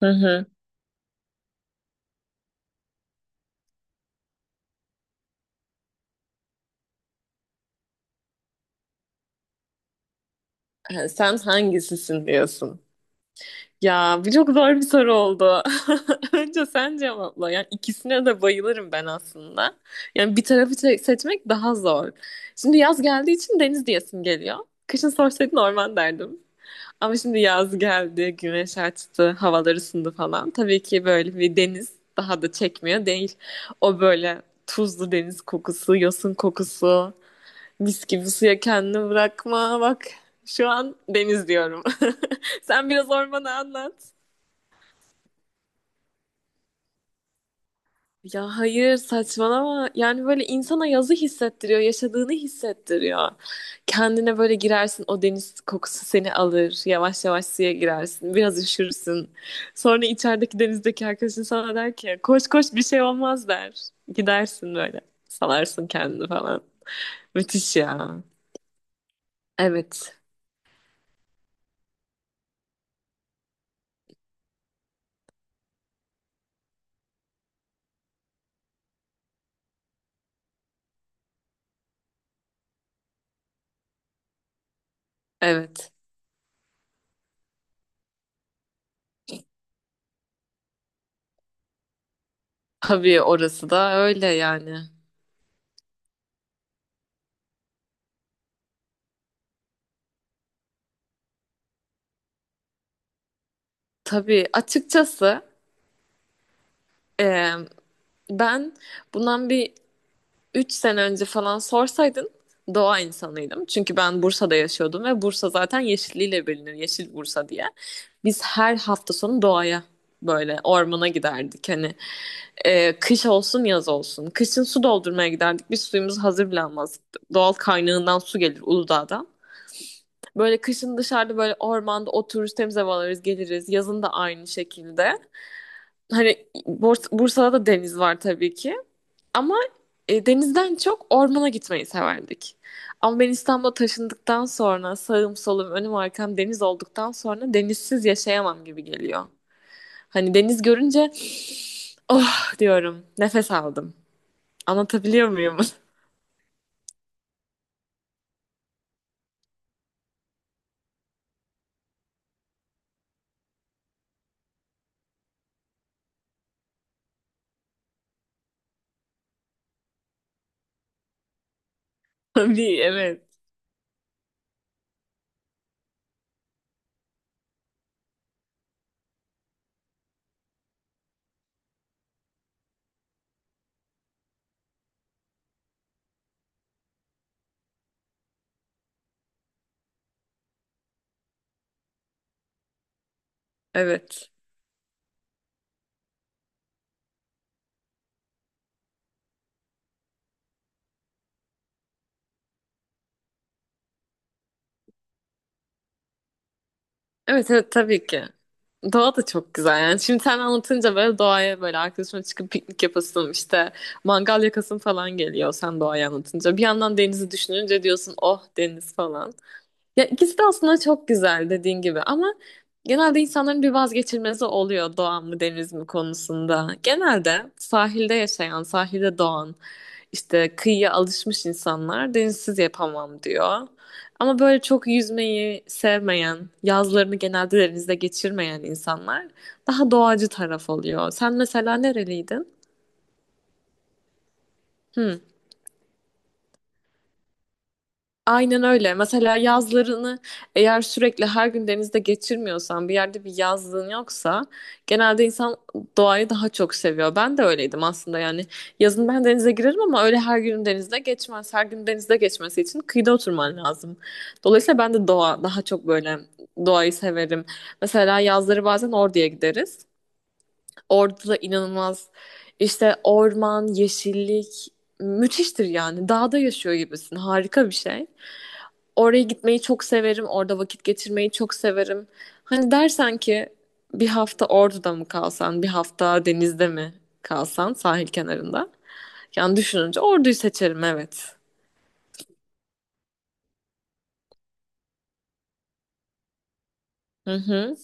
Hı hı. Ha, sen hangisisin diyorsun. Ya bu çok zor bir soru oldu. Önce sen cevapla. Yani ikisine de bayılırım ben aslında. Yani bir tarafı seçmek daha zor. Şimdi yaz geldiği için deniz diyesim geliyor. Kışın sorsaydın orman derdim. Ama şimdi yaz geldi, güneş açtı, havalar ısındı falan. Tabii ki böyle bir deniz daha da çekmiyor değil. O böyle tuzlu deniz kokusu, yosun kokusu. Mis gibi suya kendini bırakma. Bak, şu an deniz diyorum. Sen biraz ormanı anlat. Ya hayır, saçmalama. Yani böyle insana yazı hissettiriyor, yaşadığını hissettiriyor. Kendine böyle girersin, o deniz kokusu seni alır. Yavaş yavaş suya girersin, biraz üşürsün. Sonra içerideki, denizdeki arkadaşın sana der ki koş koş bir şey olmaz der. Gidersin böyle, salarsın kendini falan. Müthiş ya. Evet, evet. Tabii orası da öyle yani. Tabii açıkçası, e, ben bundan bir 3 sene önce falan sorsaydın doğa insanıydım. Çünkü ben Bursa'da yaşıyordum ve Bursa zaten yeşilliğiyle bilinir. Yeşil Bursa diye. Biz her hafta sonu doğaya, böyle ormana giderdik. Hani, kış olsun yaz olsun. Kışın su doldurmaya giderdik. Biz suyumuz hazır bile almazdık. Doğal kaynağından su gelir Uludağ'dan. Böyle kışın dışarıda, böyle ormanda otururuz, temiz hava alırız, geliriz. Yazın da aynı şekilde. Hani Bursa'da da deniz var tabii ki. Ama denizden çok ormana gitmeyi severdik. Ama ben İstanbul'a taşındıktan sonra, sağım solum önüm arkam deniz olduktan sonra denizsiz yaşayamam gibi geliyor. Hani deniz görünce oh diyorum, nefes aldım. Anlatabiliyor muyum? Tabii, evet. Evet. Evet, evet, tabii ki. Doğa da çok güzel yani. Şimdi sen anlatınca böyle doğaya, böyle arkadaşımla çıkıp piknik yapasım, işte mangal yakasım falan geliyor sen doğayı anlatınca. Bir yandan denizi düşününce diyorsun oh deniz falan. Ya ikisi de aslında çok güzel dediğin gibi ama genelde insanların bir vazgeçilmezi oluyor doğa mı deniz mi konusunda. Genelde sahilde yaşayan, sahilde doğan, işte kıyıya alışmış insanlar denizsiz yapamam diyor. Ama böyle çok yüzmeyi sevmeyen, yazlarını genelde denizde geçirmeyen insanlar daha doğacı taraf oluyor. Sen mesela nereliydin? Aynen öyle. Mesela yazlarını eğer sürekli her gün denizde geçirmiyorsan, bir yerde bir yazlığın yoksa genelde insan doğayı daha çok seviyor. Ben de öyleydim aslında yani. Yazın ben denize girerim ama öyle her gün denizde geçmez. Her gün denizde geçmesi için kıyıda oturman lazım. Dolayısıyla ben de doğa daha çok, böyle doğayı severim. Mesela yazları bazen Ordu'ya gideriz. Orada da inanılmaz, işte orman, yeşillik müthiştir yani. Dağda yaşıyor gibisin. Harika bir şey. Oraya gitmeyi çok severim. Orada vakit geçirmeyi çok severim. Hani dersen ki bir hafta Ordu'da mı kalsan, bir hafta denizde mi kalsan sahil kenarında? Yani düşününce Ordu'yu seçerim, evet. Hı hı.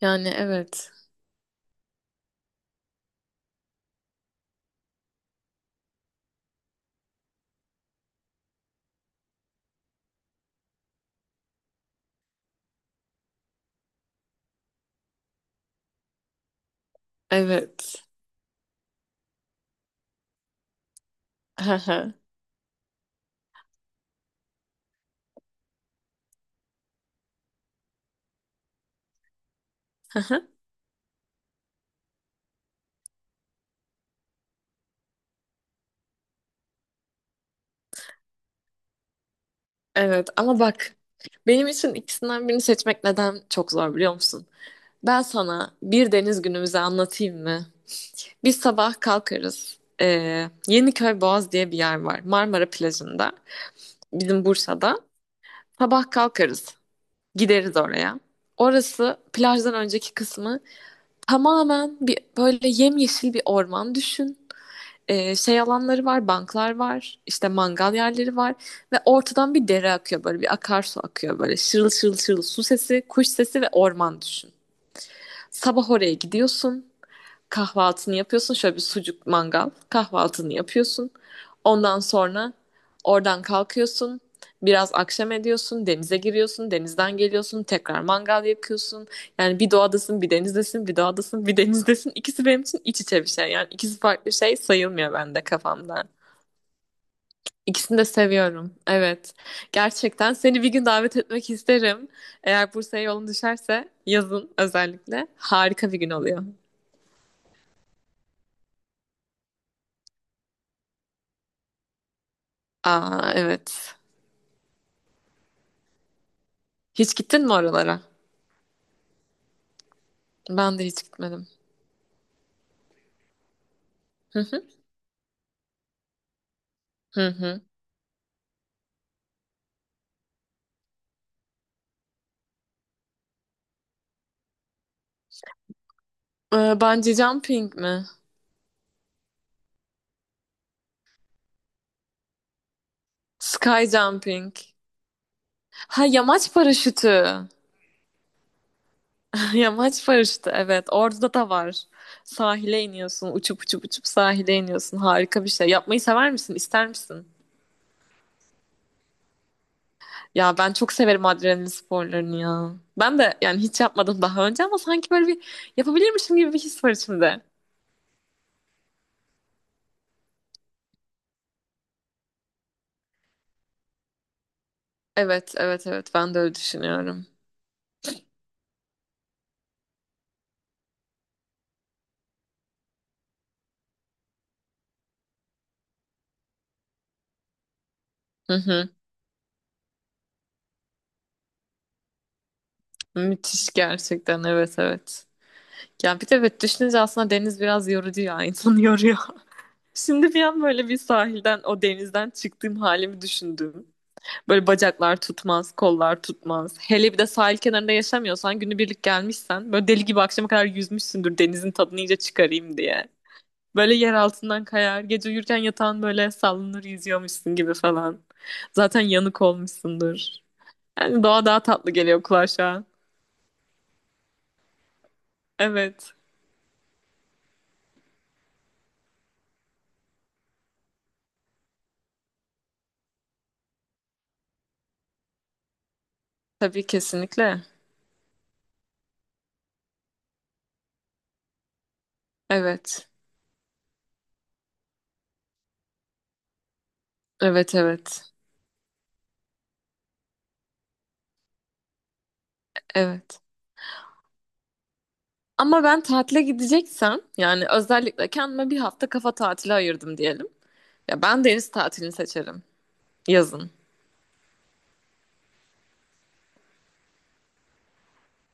Yani evet. Evet. Hı hı. Hı hı. Evet, ama bak, benim için ikisinden birini seçmek neden çok zor biliyor musun? Ben sana bir deniz günümüzü anlatayım mı? Biz sabah kalkarız. Yeniköy Boğaz diye bir yer var. Marmara plajında. Bizim Bursa'da. Sabah kalkarız. Gideriz oraya. Orası, plajdan önceki kısmı tamamen bir böyle yemyeşil bir orman düşün. Şey alanları var, banklar var, işte mangal yerleri var ve ortadan bir dere akıyor, böyle bir akarsu akıyor böyle, şırıl şırıl şırıl su sesi, kuş sesi ve orman düşün. Sabah oraya gidiyorsun, kahvaltını yapıyorsun. Şöyle bir sucuk mangal kahvaltını yapıyorsun. Ondan sonra oradan kalkıyorsun. Biraz akşam ediyorsun, denize giriyorsun, denizden geliyorsun, tekrar mangal yakıyorsun. Yani bir doğadasın, bir denizdesin, bir doğadasın, bir denizdesin. İkisi benim için iç içe bir şey. Yani ikisi farklı şey sayılmıyor bende, kafamda. İkisini de seviyorum. Evet. Gerçekten seni bir gün davet etmek isterim. Eğer Bursa'ya yolun düşerse, yazın özellikle. Harika bir gün oluyor. Aa, evet. Hiç gittin mi oralara? Ben de hiç gitmedim. Hı hı. Hı hı. Bungee jumping mi? Sky jumping. Ha, yamaç paraşütü. Yamaç paraşütü, evet. Orada da var. Sahile iniyorsun. Uçup uçup uçup sahile iniyorsun. Harika bir şey. Yapmayı sever misin? İster misin? Ya ben çok severim adrenalin sporlarını ya. Ben de yani hiç yapmadım daha önce ama sanki böyle bir yapabilirmişim gibi bir his var içimde. Evet, evet, evet. Ben de öyle düşünüyorum. Hı hı. Müthiş gerçekten. Evet, evet. Ya bir de, evet, düşününce aslında deniz biraz yorucu ya, insanı yoruyor. Şimdi bir an böyle bir sahilden, o denizden çıktığım halimi düşündüm. Böyle bacaklar tutmaz, kollar tutmaz. Hele bir de sahil kenarında yaşamıyorsan, günübirlik gelmişsen, böyle deli gibi akşama kadar yüzmüşsündür denizin tadını iyice çıkarayım diye. Böyle yer altından kayar, gece uyurken yatağın böyle sallanır, yüzüyormuşsun gibi falan. Zaten yanık olmuşsundur. Yani doğa daha tatlı geliyor kulağa şu an. Evet. Tabii, kesinlikle. Evet. Evet, evet. Evet. Ama ben tatile gideceksem, yani özellikle kendime bir hafta kafa tatili ayırdım diyelim, ya ben deniz tatilini seçerim yazın.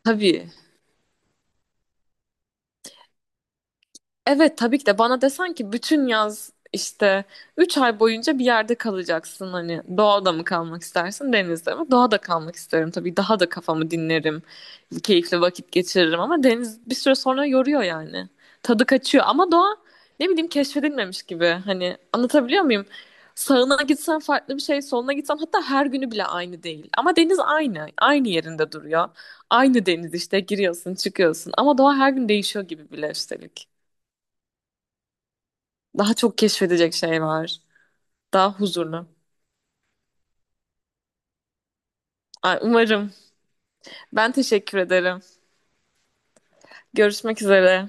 Tabii. Evet, tabii ki de bana desen ki bütün yaz işte 3 ay boyunca bir yerde kalacaksın, hani doğada mı kalmak istersin denizde mi? Doğada kalmak isterim tabii, daha da kafamı dinlerim, keyifli vakit geçiririm ama deniz bir süre sonra yoruyor yani, tadı kaçıyor, ama doğa ne bileyim keşfedilmemiş gibi, hani anlatabiliyor muyum? Sağına gitsen farklı bir şey, soluna gitsen hatta her günü bile aynı değil ama deniz aynı, aynı yerinde duruyor, aynı deniz işte, giriyorsun çıkıyorsun, ama doğa her gün değişiyor gibi bile üstelik. Daha çok keşfedecek şey var. Daha huzurlu. Ay, umarım. Ben teşekkür ederim. Görüşmek üzere.